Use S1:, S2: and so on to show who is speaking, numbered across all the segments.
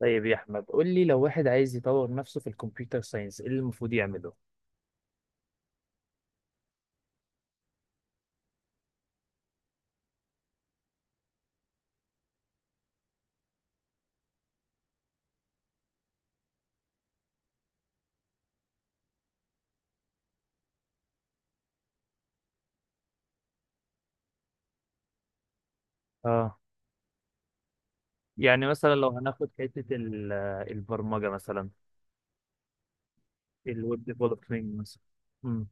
S1: طيب يا احمد، قول لي لو واحد عايز يطور نفسه في الكمبيوتر ساينس، ايه اللي المفروض يعمله؟ اه، يعني مثلا لو هناخد حتة البرمجة مثلا، الويب ديفلوبمنت مثلا. امم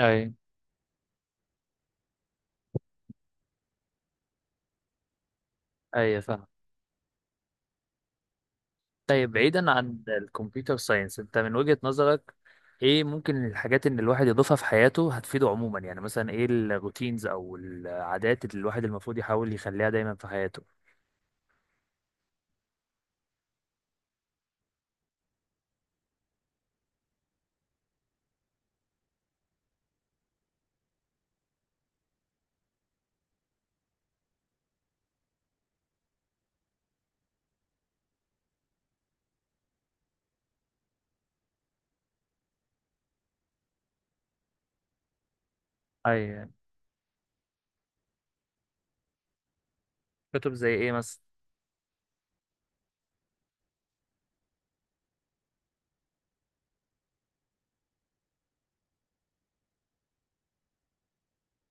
S1: اي. اي، فاهم. طيب بعيدا عن الكمبيوتر ساينس، انت من وجهة نظرك ايه ممكن الحاجات ان الواحد يضيفها في حياته هتفيده عموما؟ يعني مثلا ايه الروتينز او العادات اللي الواحد المفروض يحاول يخليها دايما في حياته؟ اي. كتب زي ايه مثلا؟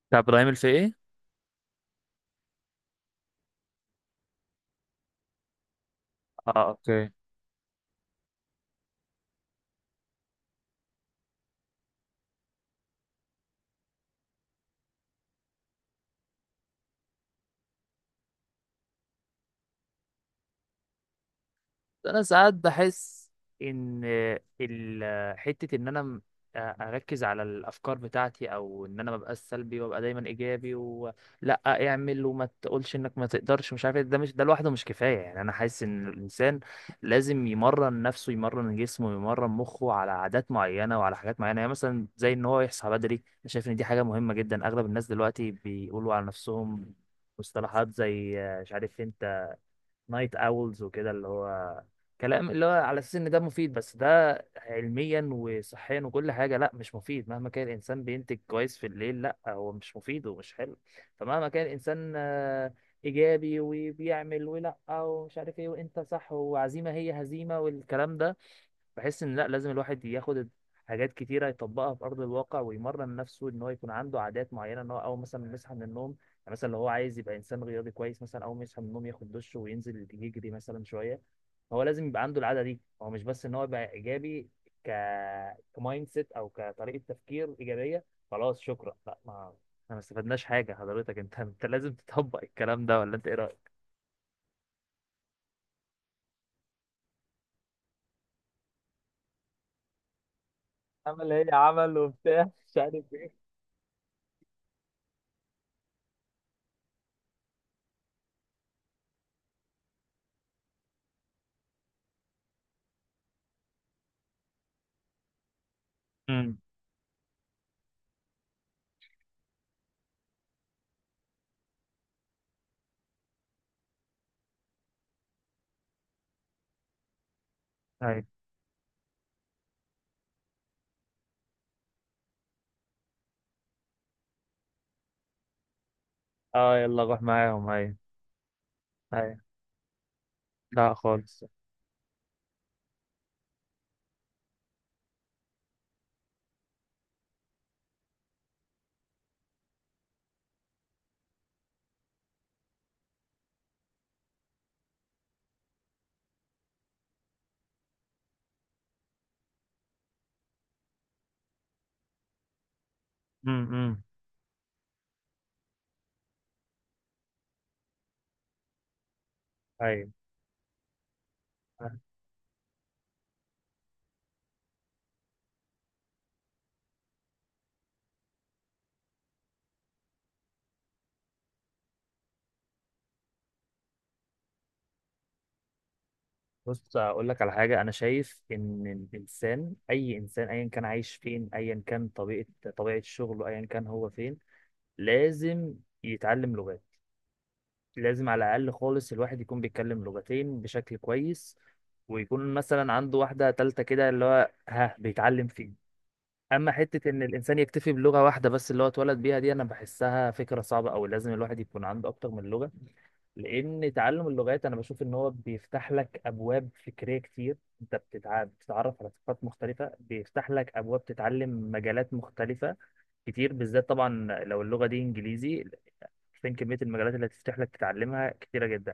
S1: بتاع ابراهيم الفقي؟ اه، اوكي. انا ساعات بحس ان حته ان انا اركز على الافكار بتاعتي، او ان انا ما ببقاش سلبي وابقى دايما ايجابي، ولا اعمل وما تقولش انك ما تقدرش مش عارف إيه. ده مش، ده لوحده مش كفايه. يعني انا حاسس ان الانسان لازم يمرن نفسه، يمرن جسمه، يمرن مخه على عادات معينه وعلى حاجات معينه. يعني مثلا زي ان هو يصحى بدري، انا شايف ان دي حاجه مهمه جدا. اغلب الناس دلوقتي بيقولوا على نفسهم مصطلحات زي، مش عارف انت، نايت اولز وكده، اللي هو كلام اللي هو على اساس ان ده مفيد. بس ده علميا وصحيا وكل حاجه لا، مش مفيد. مهما كان الانسان بينتج كويس في الليل، لا هو مش مفيد ومش حلو. فمهما كان الانسان ايجابي وبيعمل ولا ومش عارف ايه، وانت صح، وعزيمه هي هزيمه، والكلام ده، بحس ان لا، لازم الواحد ياخد حاجات كتيره يطبقها في ارض الواقع، ويمرن نفسه ان هو يكون عنده عادات معينه. ان هو اول مثلا ما يصحى من النوم، يعني مثلا لو هو عايز يبقى انسان رياضي كويس، مثلا اول ما يصحى من النوم ياخد دش وينزل يجري مثلا شويه. هو لازم يبقى عنده العاده دي، هو مش بس ان هو يبقى ايجابي ك كمايند سيت او كطريقه تفكير ايجابيه. خلاص شكرا، لا، ما احنا ما استفدناش حاجه. حضرتك انت لازم تطبق الكلام ده، ولا انت ايه رايك؟ عمل ايه، عمل وبتاع مش عارف ايه. امم ايوه. اه، يلا روح معاهم. ايوه. ايوه، لا خالص. امم ايوه. بص، اقول لك على حاجه. انا شايف ان الانسان، اي انسان، ايا كان عايش فين، ايا كان طبيعه شغله، ايا كان هو فين، لازم يتعلم لغات. لازم على الاقل خالص الواحد يكون بيتكلم لغتين بشكل كويس، ويكون مثلا عنده واحده تالته كده اللي هو ها بيتعلم فيه. اما حته ان الانسان يكتفي بلغه واحده بس اللي هو اتولد بيها دي، انا بحسها فكره صعبه. او لازم الواحد يكون عنده اكتر من لغه، لان تعلم اللغات انا بشوف ان هو بيفتح لك ابواب فكريه كتير. انت بتتعرف على ثقافات مختلفه، بيفتح لك ابواب تتعلم مجالات مختلفه كتير. بالذات طبعا لو اللغه دي انجليزي، فين كميه المجالات اللي هتفتح لك تتعلمها؟ كتيره جدا.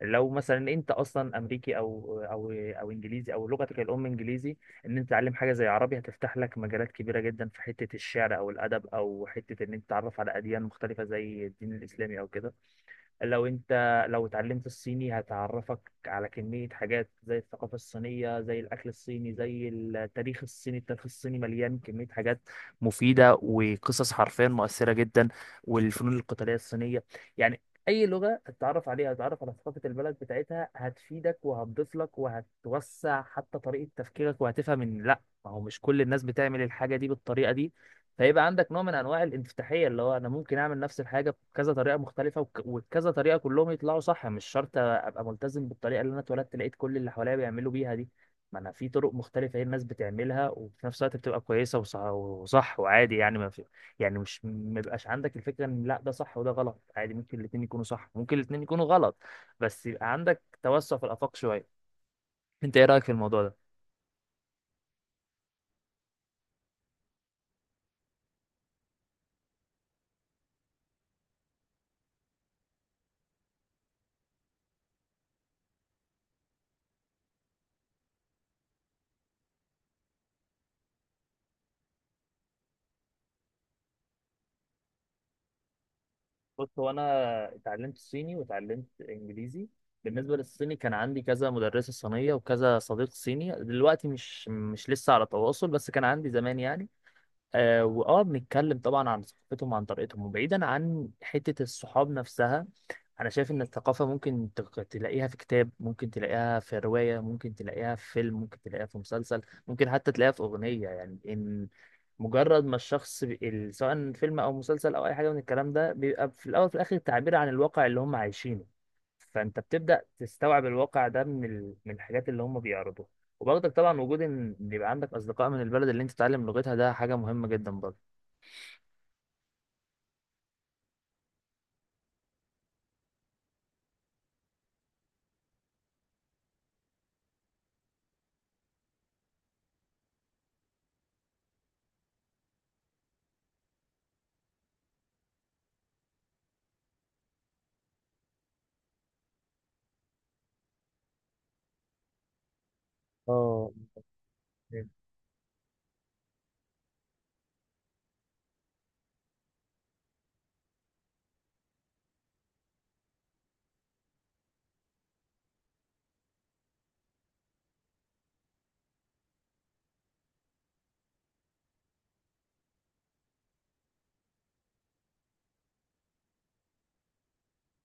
S1: لو مثلا انت اصلا امريكي او او او انجليزي، او لغتك الام انجليزي، ان انت تتعلم حاجه زي عربي هتفتح لك مجالات كبيره جدا في حته الشعر او الادب، او حته ان انت تتعرف على اديان مختلفه زي الدين الاسلامي او كده. لو انت لو اتعلمت الصيني هتعرفك على كمية حاجات زي الثقافة الصينية، زي الأكل الصيني، زي التاريخ الصيني. التاريخ الصيني مليان كمية حاجات مفيدة، وقصص حرفيا مؤثرة جدا، والفنون القتالية الصينية. يعني أي لغة هتتعرف عليها هتتعرف على ثقافة البلد بتاعتها، هتفيدك وهتضيف لك وهتوسع حتى طريقة تفكيرك، وهتفهم إن لأ، ما هو مش كل الناس بتعمل الحاجة دي بالطريقة دي. فيبقى عندك نوع من انواع الانفتاحيه، اللي هو انا ممكن اعمل نفس الحاجه بكذا طريقه مختلفه وبكذا طريقه كلهم يطلعوا صح. مش شرط ابقى ملتزم بالطريقه اللي انا اتولدت لقيت كل اللي حواليا بيعملوا بيها دي. ما انا في طرق مختلفه هي الناس بتعملها، وفي نفس الوقت بتبقى كويسه وصح، وعادي. يعني ما في، يعني مش ما يبقاش عندك الفكره ان لا ده صح وده غلط. عادي، ممكن الاثنين يكونوا صح، ممكن الاثنين يكونوا غلط، بس يبقى عندك توسع في الافاق شويه. انت ايه رايك في الموضوع ده؟ بص، هو انا اتعلمت صيني واتعلمت انجليزي. بالنسبه للصيني كان عندي كذا مدرسه صينيه وكذا صديق صيني، دلوقتي مش، مش لسه على تواصل، بس كان عندي زمان يعني. آه، بنتكلم طبعا عن ثقافتهم وعن طريقتهم. وبعيدا عن حتة الصحاب نفسها، أنا شايف إن الثقافة ممكن تلاقيها في كتاب، ممكن تلاقيها في رواية، ممكن تلاقيها في فيلم، ممكن تلاقيها في مسلسل، ممكن حتى تلاقيها في أغنية. يعني إن مجرد ما الشخص سواء فيلم أو مسلسل أو أي حاجة من الكلام ده، بيبقى في الأول وفي الآخر تعبير عن الواقع اللي هم عايشينه. فأنت بتبدأ تستوعب الواقع ده من ال... من الحاجات اللي هم بيعرضوها. وبرضك طبعا وجود ان إن يبقى عندك اصدقاء من البلد اللي انت تتعلم لغتها، ده حاجه مهمه جدا برضه. اه.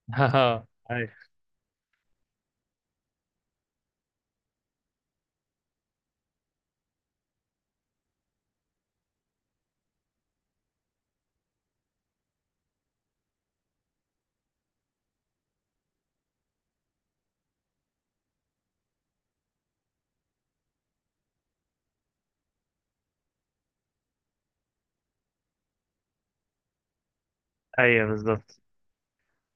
S1: ايوه. ايوه، بالظبط.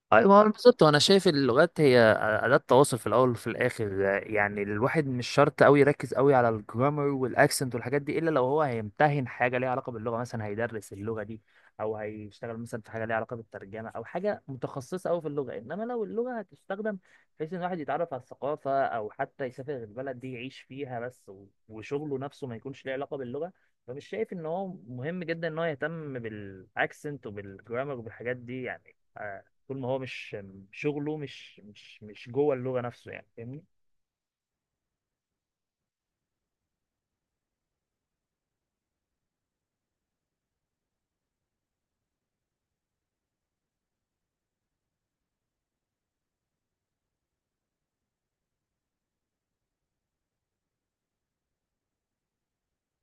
S1: ايوه، ما هو بالظبط. وانا شايف اللغات هي اداه تواصل في الاول وفي الاخر. يعني الواحد مش شرط قوي يركز قوي على الجرامر والاكسنت والحاجات دي، الا لو هو هيمتهن حاجه ليها علاقه باللغه، مثلا هيدرس اللغه دي او هيشتغل مثلا في حاجه ليها علاقه بالترجمه، او حاجه متخصصه قوي في اللغه. انما لو اللغه هتستخدم بحيث ان الواحد يتعرف على الثقافه، او حتى يسافر البلد دي يعيش فيها بس، وشغله نفسه ما يكونش ليه علاقه باللغه، فمش شايف ان هو مهم جدا ان هو يهتم بالاكسنت وبالجرامر وبالحاجات دي. يعني طول ما هو مش، شغله مش جوه اللغة نفسه، يعني فاهمني.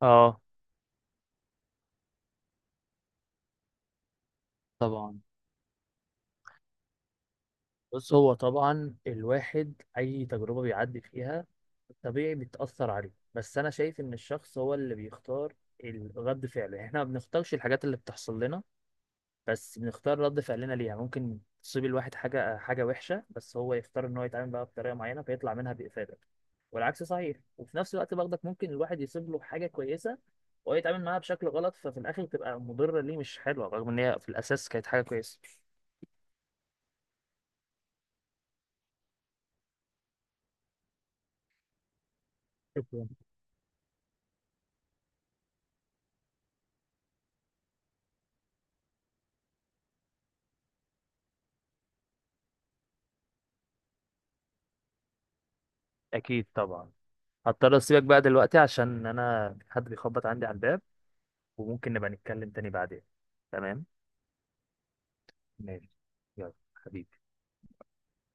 S1: اه، طبعا. بص، هو طبعا الواحد أي تجربة بيعدي فيها طبيعي بتأثر عليه. بس أنا شايف إن الشخص هو اللي بيختار رد فعله. يعني إحنا ما بنختارش الحاجات اللي بتحصل لنا، بس بنختار رد فعلنا ليها. ممكن تصيب الواحد حاجة وحشة، بس هو يختار إن هو يتعامل بقى بطريقة معينة فيطلع منها بإفادة. والعكس صحيح، وفي نفس الوقت برضك ممكن الواحد يصيب له حاجة كويسة وهو يتعامل معاها بشكل غلط، ففي الآخر تبقى مضرة ليه مش حلوة، رغم إن هي في الأساس كانت حاجة كويسة. شكرا. أكيد طبعا. هضطر أسيبك بقى دلوقتي عشان أنا حد بيخبط عندي على الباب، وممكن نبقى نتكلم تاني بعدين. تمام. ماشي. يلا حبيبي.